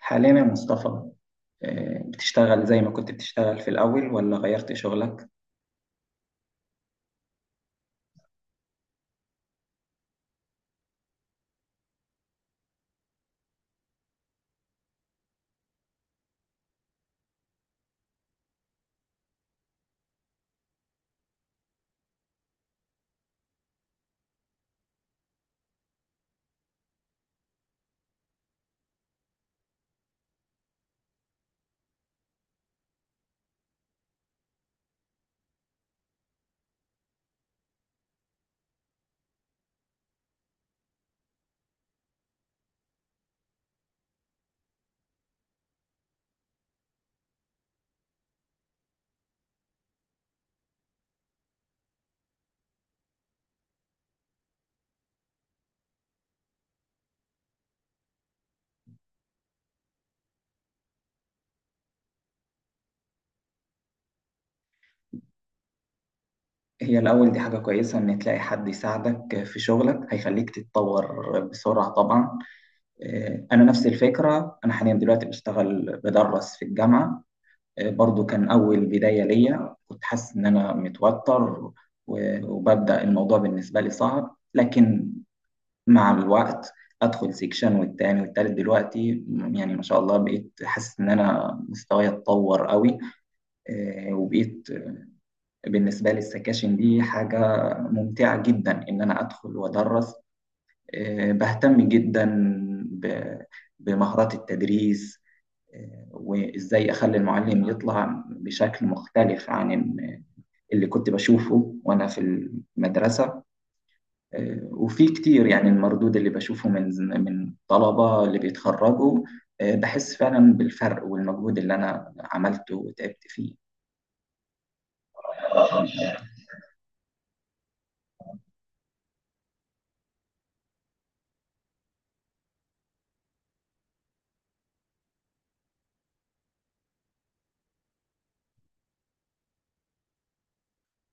حاليا يا مصطفى. بتشتغل زي ما كنت بتشتغل في الأول ولا غيرت شغلك؟ هي الأول دي حاجة كويسة إن تلاقي حد يساعدك في شغلك هيخليك تتطور بسرعة طبعا. أنا نفس الفكرة، أنا حاليا دلوقتي بشتغل بدرس في الجامعة. برضو كان أول بداية ليا كنت حاسس إن أنا متوتر، وببدأ الموضوع بالنسبة لي صعب، لكن مع الوقت ادخل سيكشن والتاني والتالت دلوقتي يعني ما شاء الله بقيت حاسس ان انا مستواي اتطور قوي. وبقيت بالنسبه لي السكاشن دي حاجه ممتعه جدا ان انا ادخل وادرس. بهتم جدا ب- بمهارات التدريس. وازاي اخلي المعلم يطلع بشكل مختلف عن اللي كنت بشوفه وانا في المدرسه. وفي كتير يعني المردود اللي بشوفه من طلبة اللي بيتخرجوا، بحس فعلا بالفرق والمجهود اللي أنا عملته وتعبت فيه.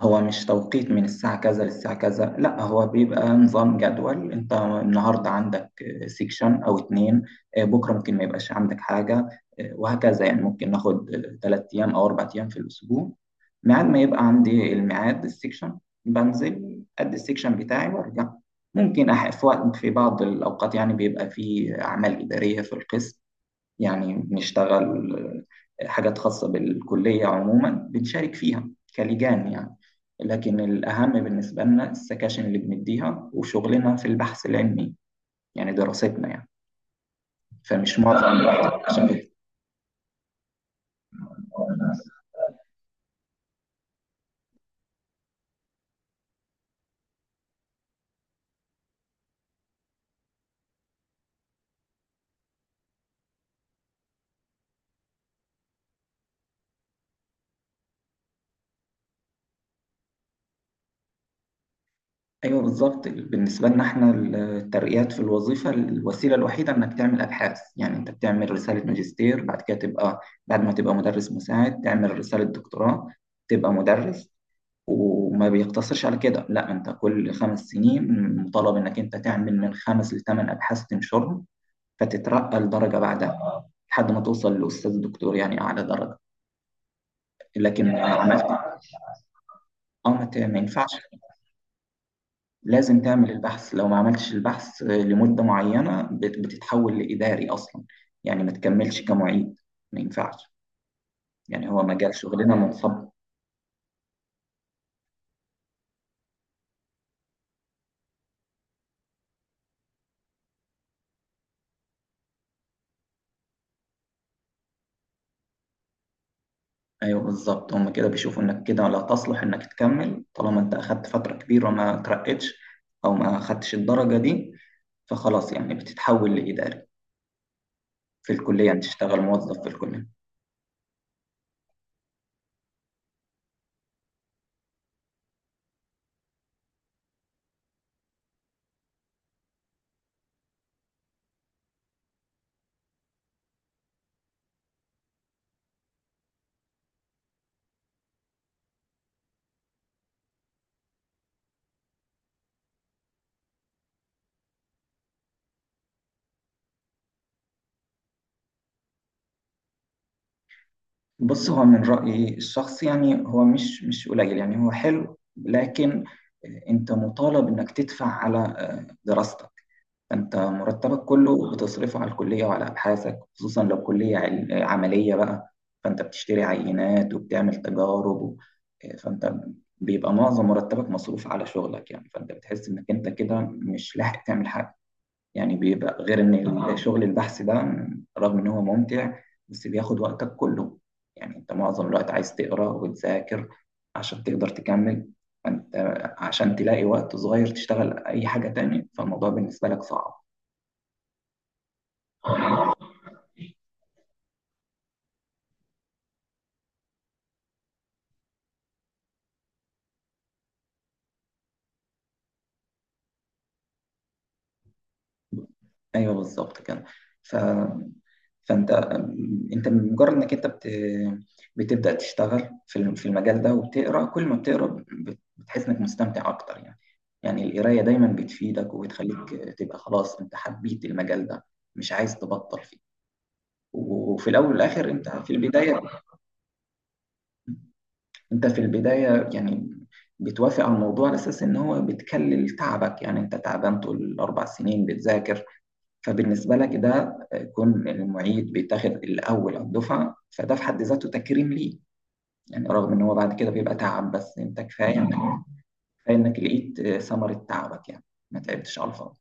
هو مش توقيت من الساعة كذا للساعة كذا، لا هو بيبقى نظام جدول، انت النهاردة عندك سيكشن او اتنين، بكرة ممكن ما يبقاش عندك حاجة، وهكذا. يعني ممكن ناخد ثلاث ايام او اربع ايام في الاسبوع ميعاد، ما يبقى عندي الميعاد السيكشن بنزل ادي السيكشن بتاعي وارجع. ممكن في وقت، في بعض الاوقات يعني بيبقى في اعمال ادارية في القسم، يعني بنشتغل حاجات خاصة بالكلية عموما بنشارك فيها كلجان يعني. لكن الأهم بالنسبة لنا السكاشن اللي بنديها وشغلنا في البحث العلمي يعني دراستنا يعني، فمش معظم الوقت عشان كده. أيوه بالظبط، بالنسبة لنا احنا الترقيات في الوظيفة الوسيلة الوحيدة إنك تعمل أبحاث، يعني أنت بتعمل رسالة ماجستير بعد كده تبقى، بعد ما تبقى مدرس مساعد تعمل رسالة دكتوراه تبقى مدرس. وما بيقتصرش على كده، لا، انت كل خمس سنين مطالب انك انت تعمل من خمس لثمان ابحاث تنشرهم فتترقى لدرجه بعدها لحد ما توصل لاستاذ دكتور يعني اعلى درجه. لكن عملت اه، ما ينفعش. لازم تعمل البحث، لو ما عملتش البحث لمده معينه بتتحول لاداري اصلا، يعني ما تكملش كمعيد، ما ينفعش. يعني هو مجال شغلنا منصب. ايوه بالظبط، هم كده بيشوفوا انك كده لا تصلح انك تكمل طالما انت اخدت فتره كبيره ما ترقتش او ما اخدتش الدرجه دي، فخلاص يعني بتتحول لاداري في الكليه، يعني تشتغل موظف في الكليه. بص، هو من رايي الشخصي يعني هو مش قليل، يعني هو حلو، لكن انت مطالب انك تدفع على دراستك، انت مرتبك كله بتصرفه على الكليه وعلى ابحاثك، خصوصا لو كليه عمليه بقى، فانت بتشتري عينات وبتعمل تجارب فانت بيبقى معظم مرتبك مصروف على شغلك، يعني فانت بتحس انك انت كده مش لاحق تعمل حاجه. يعني بيبقى غير ان شغل البحث ده رغم ان هو ممتع بس بياخد وقتك كله، يعني انت معظم الوقت عايز تقرا وتذاكر عشان تقدر تكمل انت، عشان تلاقي وقت صغير تشتغل اي حاجه تاني فالموضوع بالنسبه لك صعب. ايوه بالظبط كده. ف... فانت، انت مجرد انك انت بتبدا تشتغل في في المجال ده، وبتقرا كل ما بتقرا بتحس انك مستمتع اكتر يعني. يعني القرايه دايما بتفيدك وبتخليك تبقى خلاص انت حبيت المجال ده مش عايز تبطل فيه. وفي الاول والاخر انت في البدايه، انت في البدايه يعني بتوافق على الموضوع على اساس ان هو بتكلل تعبك، يعني انت تعبان طول الاربع سنين بتذاكر فبالنسبة لك ده كون إن المعيد بيتاخد الأول على الدفعة فده في حد ذاته تكريم ليه، يعني رغم إن هو بعد كده بيبقى تعب بس أنت كفاية إنك، كفاية إنك لقيت ثمرة تعبك يعني، ما تعبتش على الفاضي.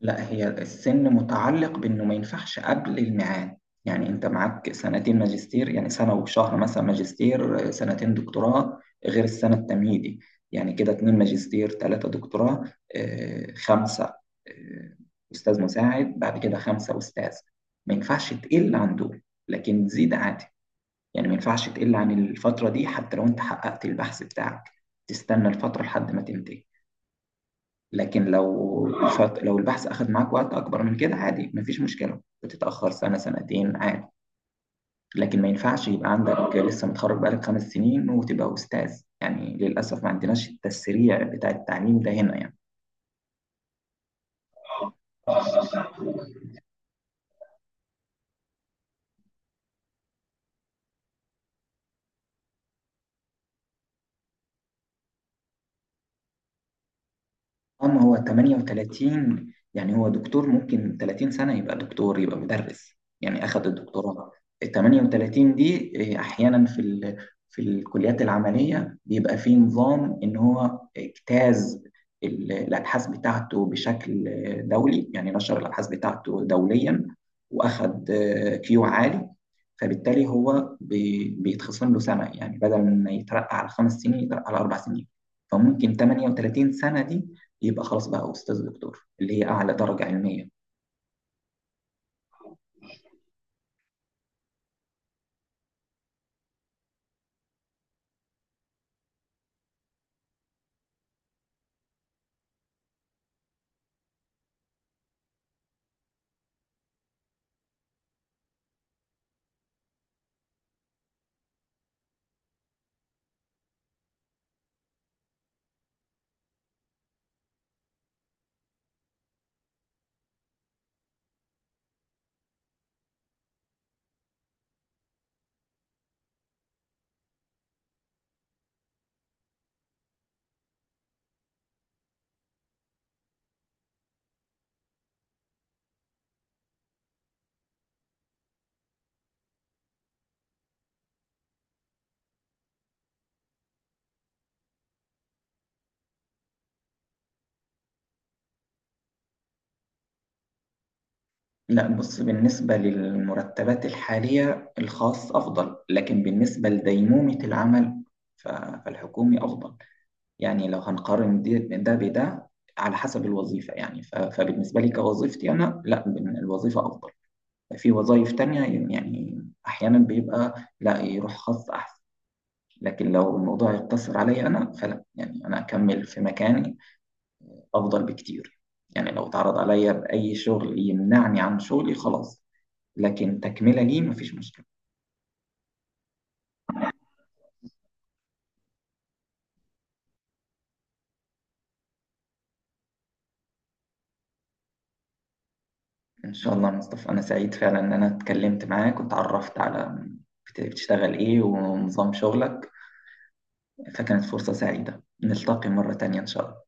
لا، هي السن متعلق بانه ما ينفعش قبل الميعاد، يعني انت معاك سنتين ماجستير، يعني سنه وشهر مثلا ماجستير، سنتين دكتوراه غير السنه التمهيدي، يعني كده اتنين ماجستير تلاته دكتوراه، خمسه، آه، استاذ مساعد، بعد كده خمسه استاذ. ما ينفعش تقل عن دول لكن تزيد عادي، يعني ما ينفعش تقل عن الفتره دي حتى لو انت حققت البحث بتاعك تستنى الفتره لحد ما تنتهي. لكن لو لو البحث أخذ معاك وقت أكبر من كده عادي مفيش مشكلة، بتتأخر سنة سنتين عادي. لكن ما ينفعش يبقى عندك لسه متخرج بقالك خمس سنين وتبقى أستاذ، يعني للأسف ما عندناش التسريع بتاع التعليم ده هنا يعني. اه، ما هو 38 يعني هو دكتور، ممكن 30 سنة يبقى دكتور يبقى مدرس يعني أخذ الدكتوراه. ال 38 دي إيه، أحيانا في الكليات العملية بيبقى في نظام إن هو اجتاز الأبحاث بتاعته بشكل دولي، يعني نشر الأبحاث بتاعته دوليا وأخذ كيو عالي، فبالتالي هو بيتخصم له سنة، يعني بدل ما يترقى على خمس سنين يترقى على أربع سنين، فممكن 38 سنة دي يبقى خلاص بقى أستاذ دكتور اللي هي أعلى درجة علمية. لا، بص، بالنسبة للمرتبات الحالية الخاص أفضل، لكن بالنسبة لديمومة العمل فالحكومي أفضل، يعني لو هنقارن ده بده على حسب الوظيفة يعني، فبالنسبة لي كوظيفتي أنا، لا الوظيفة أفضل. في وظائف تانية يعني أحيانا بيبقى، لا، يروح خاص أحسن، لكن لو الموضوع يقتصر عليا أنا فلا، يعني أنا أكمل في مكاني أفضل بكتير، يعني لو اتعرض عليا بأي شغل يمنعني عن شغلي خلاص، لكن تكملة ليه مفيش مشكلة. إن شاء الله يا مصطفى، أنا سعيد فعلا إن أنا اتكلمت معاك واتعرفت على بتشتغل إيه ونظام شغلك، فكانت فرصة سعيدة، نلتقي مرة تانية إن شاء الله.